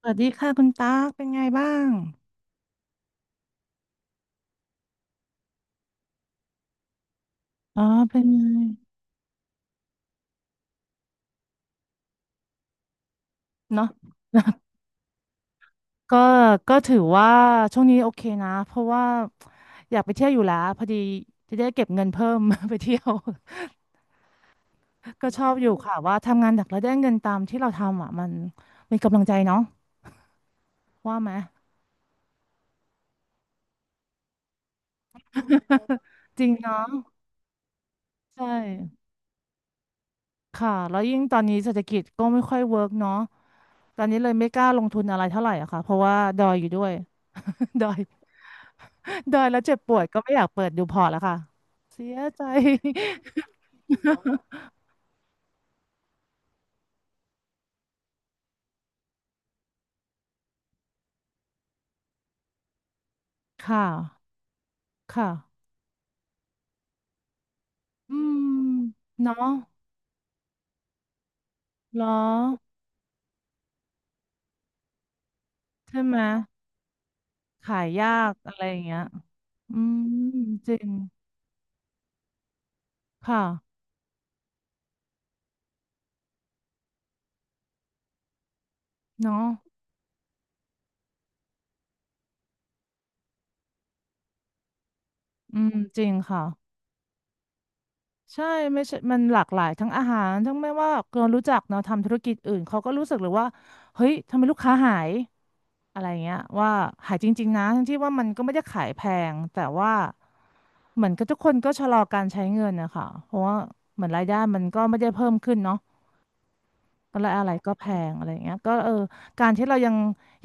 สวัสดีค่ะคุณตากเป็นไงบ้างอ๋อเป็นไงเนาะก็ก็ถือว่าช่วงนี้โอเคนะเพราะว่าอยากไปเที่ยวอยู่แล้วพอดีจะได้เก็บเงินเพิ่ม ไปเที่ยว ก็ชอบอยู่ค่ะว่าทำงานหนักแล้วได้เงินตามที่เราทำอ่ะมันมีกำลังใจเนาะว่าไหมจริงเนาะใช่ค่ะแล้วยิ่งตอนนี้เศรษฐกิจก็ไม่ค่อยเวิร์กเนาะตอนนี้เลยไม่กล้าลงทุนอะไรเท่าไหร่อะค่ะเพราะว่าดอยอยู่ด้วย ดอย เดินแล้วเจ็บปวดก็ไม่อยากเปิดดูพอร์ตแล้วค่ะ เสียใจ ค่ะค่ะอืมเนาะเหรอใช่ไหม ขายยากอะไรอย่างเงี้ยอืม จริงค่ะเนาะอืมจริงค่ะ ใช่ไม่ใช่มันหลากหลายทั้งอาหารทั้งไม่ว่าคนรู้จักเนาะทำธุรกิจอื่นเขาก็รู้สึกเลยว่าเฮ้ยทำไมลูกค้าหายอะไรเงี้ยว่าหายจริงๆนะทั้งที่ว่ามันก็ไม่ได้ขายแพงแต่ว่าเหมือนกับทุกคนก็ชะลอการใช้เงินนะคะเพราะว่าเหมือนรายได้มันก็ไม่ได้เพิ่มขึ้นเนาะก็เลยอะไรก็แพงอะไรเงี้ยก็เออการที่เรายัง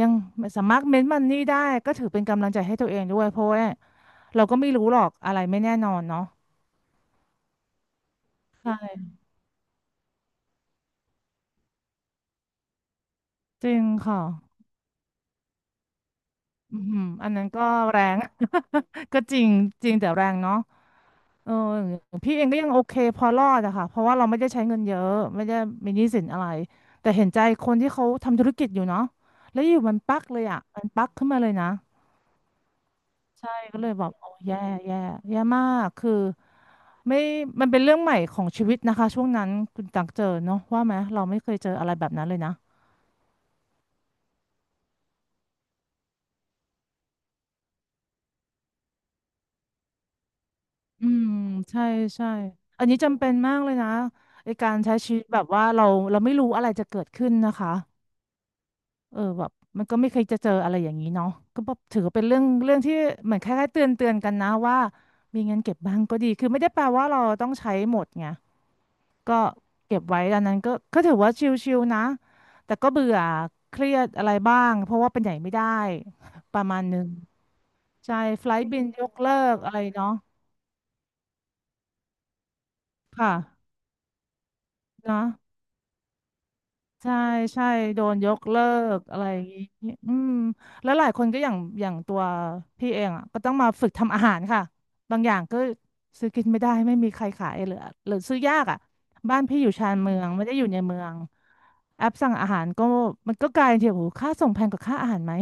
ยังสามารถเม้นมันนี่ได้ก็ถือเป็นกำลังใจให้ตัวเองด้วยเพราะว่าเราก็ไม่รู้หรอกอะไรไม่แน่นอนเนาะใช่จริงค่ะ อือหืออันนั้นก็แรง ก็จริงจริงแต่แรงเนาะเอออย่างพี่เองก็ยังโอเคพอรอดอะค่ะเพราะว่าเราไม่ได้ใช้เงินเยอะไม่ได้มีหนี้สินอะไรแต่เห็นใจคนที่เขาทำธุรกิจอยู่เนาะแล้วอยู่มันปักเลยอะมันปักขึ้นมาเลยนะใช่ก็เลยบอกโอ้แย่แย่แย่มากคือไม่มันเป็นเรื่องใหม่ของชีวิตนะคะช่วงนั้นคุณตักเจอเนาะว่าไหมเราไม่เคยเจออะไรแบบนั้นเลยนะ อืมใช่ใช่อันนี้จำเป็นมากเลยนะไอการใช้ชีวิตแบบว่าเราไม่รู้อะไรจะเกิดขึ้นนะคะเออแบบมันก็ไม่เคยจะเจออะไรอย่างนี้เนาะก็แบบถือว่าเป็นเรื่องเรื่องที่เหมือนคล้ายๆเตือนเตือนกันนะว่ามีเงินเก็บบ้างก็ดีคือไม่ได้แปลว่าเราต้องใช้หมดไงก็เก็บไว้ดังนั้นก็ถือว่าชิลๆนะแต่ก็เบื่อเครียดอะไรบ้างเพราะว่าเป็นใหญ่ไม่ได้ ประมาณนึงใช่ไฟล์บินยกเลิกอะไรเนาะค่ะนะ ใช่ใช่โดนยกเลิกอะไรอย่างงี้อืมแล้วหลายคนก็อย่างอย่างตัวพี่เองอ่ะก็ต้องมาฝึกทำอาหารค่ะบางอย่างก็ซื้อกินไม่ได้ไม่มีใครขายเหลือหรือซื้อยากอ่ะบ้านพี่อยู่ชานเมืองไม่ได้อยู่ในเมืองแอปสั่งอาหารก็มันก็กลายเป็นที่โอ้โหค่าส่งแพงกว่าค่าอาหารไหม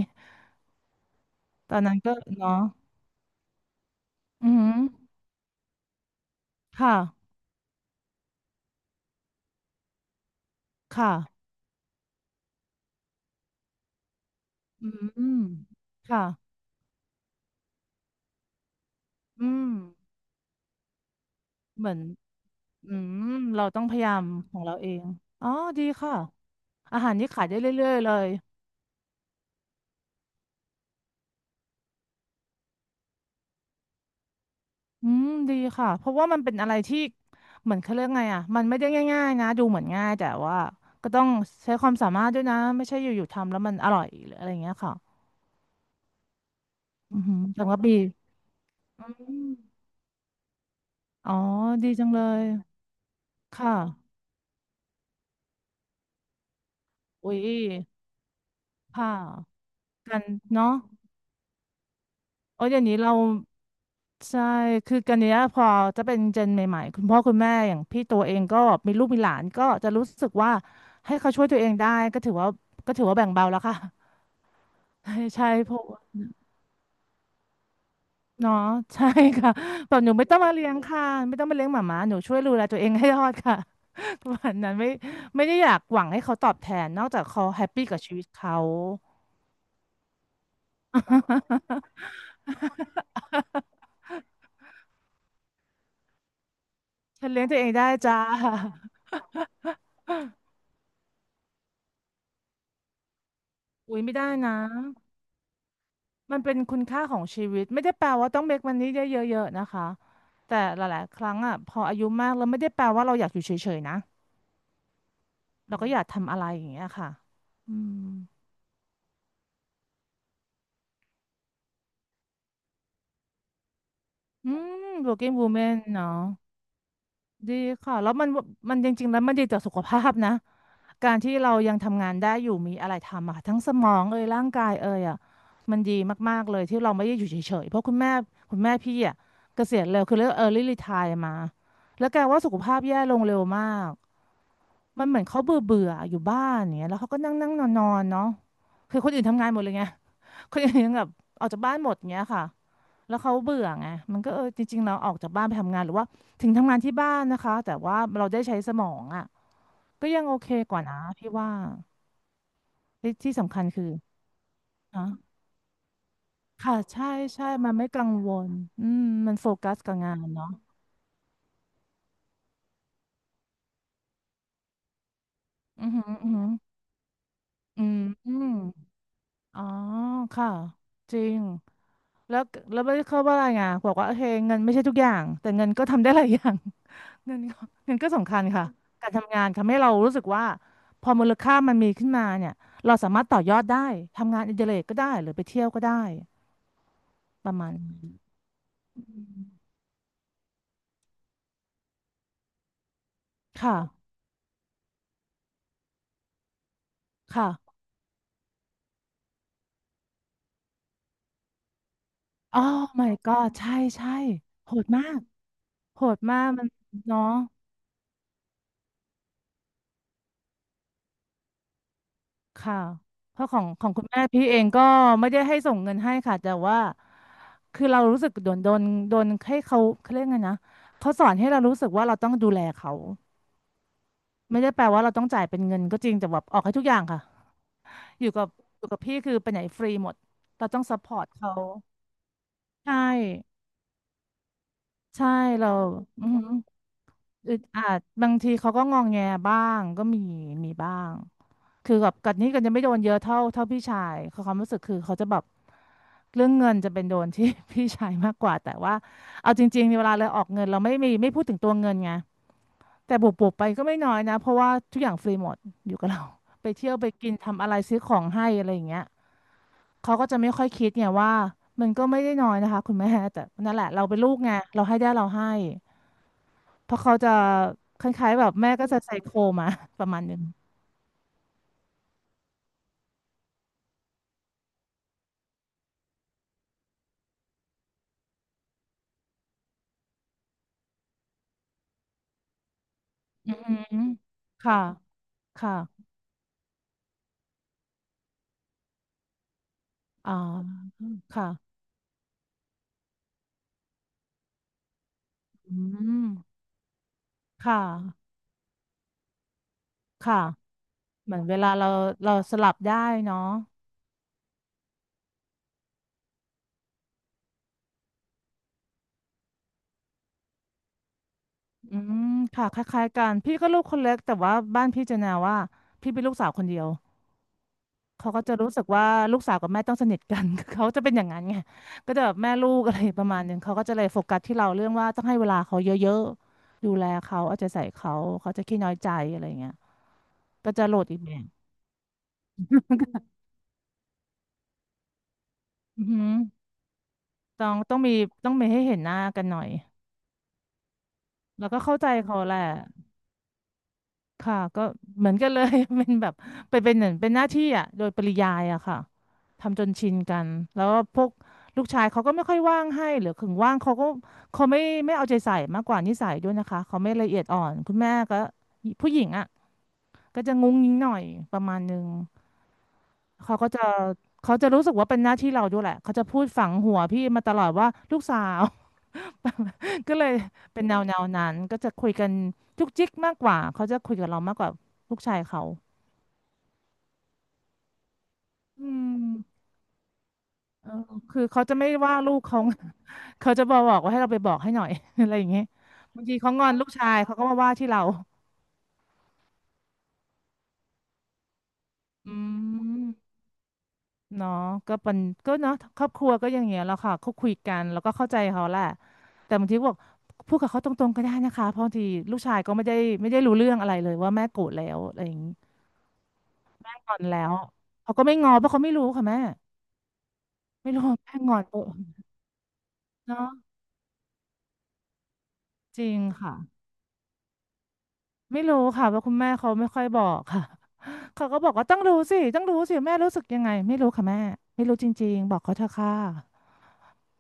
ตอนนั้นก็เนาะอือหือค่ะค่ะอืมค่ะอืม เหมือนอืมเราต้องพยายามของเราเองอ๋อดีค่ะอาหารนี่ขายได้เรื่อยๆเลยอืมดีค่ะเพราะว่ามันเป็นอะไรที่เหมือนเขาเรียกไงอ่ะมันไม่ได้ง่ายๆนะดูเหมือนง่ายแต่ว่าก็ต้องใช้ความสามารถด้วยนะไม่ใช่อยู่ๆทำแล้วมันอร่อยหรืออะไรอย่างเงี้ยค่ะอือหือจังกะบีอืมอ๋อดีจังเลยค่ะอุ๊ยค่ะกันเนาะ โอ้ยเดี๋ยวนี้เราใช่คือกันเนี้ยพอจะเป็นเจนใหม่ๆคุณพ่อคุณแม่อย่างพี่ตัวเองก็มีลูกมีหลานก็จะรู้สึกว่าให้เขาช่วยตัวเองได้ก็ถือว่าก็ถือว่าแบ่งเบาแล้วค่ะ ใช่ใช่เพราะว่าเนาะ ใช่ค่ะแบบหนูไม่ต้องมาเลี้ยงค่ะไม่ต้องมาเลี้ยงหมาหมาหนูช่วยดูแลตัวเองให้รอดค่ะ ประมาณนั้นไม่ได้อยากหวังให้เขาตอบแทนนอกจากเขาแฮปปี้กับชีวิตเขา ฉันเลี้ยงตัวเองได้จ้า อุ้ยไม่ได้นะ มันเป็นคุณค่าของชีวิตไม่ได้แปลว่าต้องเมคมันนี่ได้เยอะๆนะคะแต่หลายๆครั้งอ่ะพออายุมากแล้วไม่ได้แปลว่าเราอยากอยู่เฉยๆนะเราก็อยากทำอะไรอย่างเงี้ยค่ะอืมอืม working woman เนาะดีค่ะแล้วมันมันจริงๆแล้วมันดีต่อสุขภาพนะการที่เรายังทำงานได้อยู่มีอะไรทำอะทั้งสมองเอ่ยร่างกายเอ่ยอ่ะมันดีมากๆเลยที่เราไม่ได้อยู่เฉยๆเพราะคุณแม่พี่อ่ะเกษียณเร็วคือเรียก early retire มาแล้วแกว่าสุขภาพแย่ลงเร็วมาก มันเหมือนเขาเบื่อเบื่ออยู่บ้านอย่างเงี้ยแล้วเขาก็นั่งนั่งนอนนอนเนาะคือคนอื่นทำงานหมดเลยไง คนอื่นยังแบบออกจากบ้านหมดเงี้ยค่ะแล้วเขาเบื่อไงมันก็เออจริงๆเราออกจากบ้านไปทำงานหรือว่าถึงทำงานที่บ้านนะคะแต่ว่าเราได้ใช้สมองอ่ะก็ยังโอเคกว่านะพี่ว่าที่ที่สำคัญคือฮะค่ะใช่ใช่มันไม่กังวลอืมมันโฟกัสกับงานเนาะอือหืออือหืออืม อ๋อค่ะจริงแล้วไม่เข้าว่าอะไรไงบอกว่าโอเคเงินไม่ใช่ทุกอย่างแต่เงินก็ทำได้หลายอย่าง เงินก็เงินก็สำคัญค่ะการทำงานทำให้เรารู้สึกว่าพอมูลค่ามันมีขึ้นมาเนี่ยเราสามารถต่อยอดได้ทำงานอดิเรกก็ได้หรือไปเที่ยวก็ได้ประมาณนี้อืมค่ะค่ะอ๋อ my god ใช่ใช่โหดมากโหดมากมันเนาะ ค่ะเพราะของของคุณแม่พี่เองก็ไม่ได้ให้ส่งเงินให้ค่ะแต่ว่าคือเรารู้สึกโดนโดนให้เขาเขาเรียกไงนะเขาสอนให้เรารู้สึกว่าเราต้องดูแลเขาไม่ได้แปลว่าเราต้องจ่ายเป็นเงินก็จริงแต่แบบออกให้ทุกอย่างค่ะอยู่กับอยู่กับพี่คือไปไหนฟรีหมดเราต้องซัพพอร์ตเขาใช่ใช่เราอือหืออึดอัดบางทีเขาก็งองแงบ้างก็มีมีบ้าง คือแบบกันนี่กันจะไม่โดนเยอะเท่าพี่ชายเขาความรู้สึกคือเขาจะแบบเรื่องเงินจะเป็นโดนที่ พี่ชายมากกว่าแต่ว่าเอาจริงๆเวลาเราออกเงินเราไม่มีไม่พูดถึงตัวเงินไงแต่บวกๆไปก็ไม่น้อยนะเพราะว่าทุกอย่างฟรีหมดอยู่กับเรา ไปเที่ยวไปกินทำอะไรซื้อของให้อะไรอย่างเงี้ยเขาก็จะไม่ค่อยคิดเนี่ยว่ามันก็ไม่ได้น้อยนะคะคุณแม่แต่นั่นแหละเราเป็นลูกไงเราให้ได้เราให้เพราะเขาจะคล้ายๆแบบแม่ก็จะไซโคมา ประมาณหนึงอืมค่ะค่ะ อ๋อค่ะ อืม ค่ะ ค่ะ เหมือนเวลาเราเราสลับได้เนาะอืม ค่ะคล้ายๆกัน พี่ก็ลูกคนเล็กแต่ว่าบ้านพี่จะแนวว่าพี่เป็นลูกสาวคนเดียว เขาก็จะรู้สึกว่าลูกสาวกับแม่ต้องสนิทกัน เขาจะเป็นอย่างนั้นไง ก็จะแบบแม่ลูกอะไรประมาณนึงเขาก็จะเลยโฟกัสที่เราเรื่องว่าต้องให้เวลาเขาเยอะๆดูแลเขาเอาใจใส่เขาเขาจะขี้น้อยใจอะไรอย่างเงี้ยก็จะโหลดอีกแบบอือหือต้องมีต้องมีให้เห็นหน้ากันหน่อย แล้วก็เข้าใจเขาแหละ ค่ะ ก็เหมือนกันเลย เป็นแบบเป็นเหมือนเป็นหน้าที่อ่ะโดยปริยายอะค่ะทำจนชินกัน แล้วก็พวกลูกชายเขาก็ไม่ค่อยว่างให้หรือถึงว่างเขาก็เขาไม่เอาใจใส่มากกว่านิสัยด้วยนะคะ เขาไม่ละเอียดอ่อน คุณแม่ก็ผู้หญิงอ่ะก็จะงุ้งงิ้งหน่อยประมาณนึง เขาก็จะเขาจะรู้สึกว่าเป็นหน้าที่เราด้วยแหละเขาจะพูดฝังหัวพี่มาตลอดว่าลูกสาว ก็เลยเป็นแนวนั้นก็จะคุยกันจุกจิกมากกว่าเขาจะคุยกับเรามากกว่าลูกชายเขาอืมเออคือเขาจะไม่ว่าลูกเขา เขาจะบอกว่าให้เราไปบอกให้หน่อย อะไรอย่างเงี้ยบางทีเขางอนลูกชายเขาก็มาว่าที่เราอืม เนาะก็เป็นก็เนาะครอบครัวก็อย่างเงี้ยแหล้วค่ะเขาคุยกันแล้วก็เข้าใจเขาแหละแต่บางทีก็บอกพูดกับเขาตรงๆก็ได้นะคะเพราะบางทีลูกชายก็ไม่ได้ไม่ได้รู้เรื่องอะไรเลยว่าแม่โกรธแล้วอะไรอย่างงี้แม่งอนแล้วเขาก็ไม่งอเพราะเขาไม่รู้ค่ะแม่ไม่รู้ว่าแม่งอนเออเนาะจริงค่ะไม่รู้ค่ะเพราะคุณแม่เขาไม่ค่อยบอกค่ะ เขาก็บอกว่าต้องรู้สิต้องรู้สิแม่รู้สึกยังไงไม่รู้ค่ะแม่ไม่รู้จริงๆบอกเขาเถอะค่ะ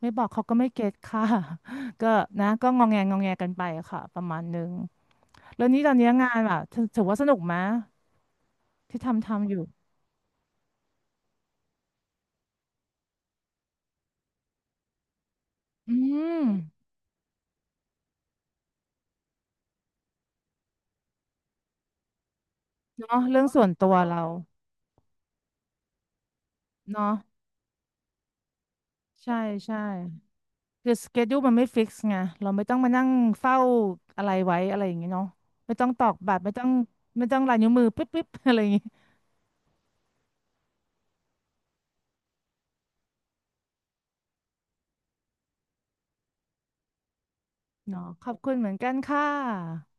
ไม่บอกเขาก็ไม่เก็ตค่ะ ก็นะก็งองแงงองแงกันไปค่ะประมาณนึงแล้วนี้ตอนนี้งานแบบถือว่าสนุกไหมที่ทำอยู่อืมเนาะเรื่องส่วนตัวเราเนาะใช่ใช่คือสเกดูมันไม่ฟิกซ์ไงเราไม่ต้องมานั่งเฝ้าอะไรไว้อะไรอย่างเงี้ยเนาะไม่ต้องตอกบัตรไม่ต้องไม่ต้องลายนิ้วมือปิ๊บปิ๊บ อะไรอย่างงี้เนาะขอบคุณเหมือนกันค่ะ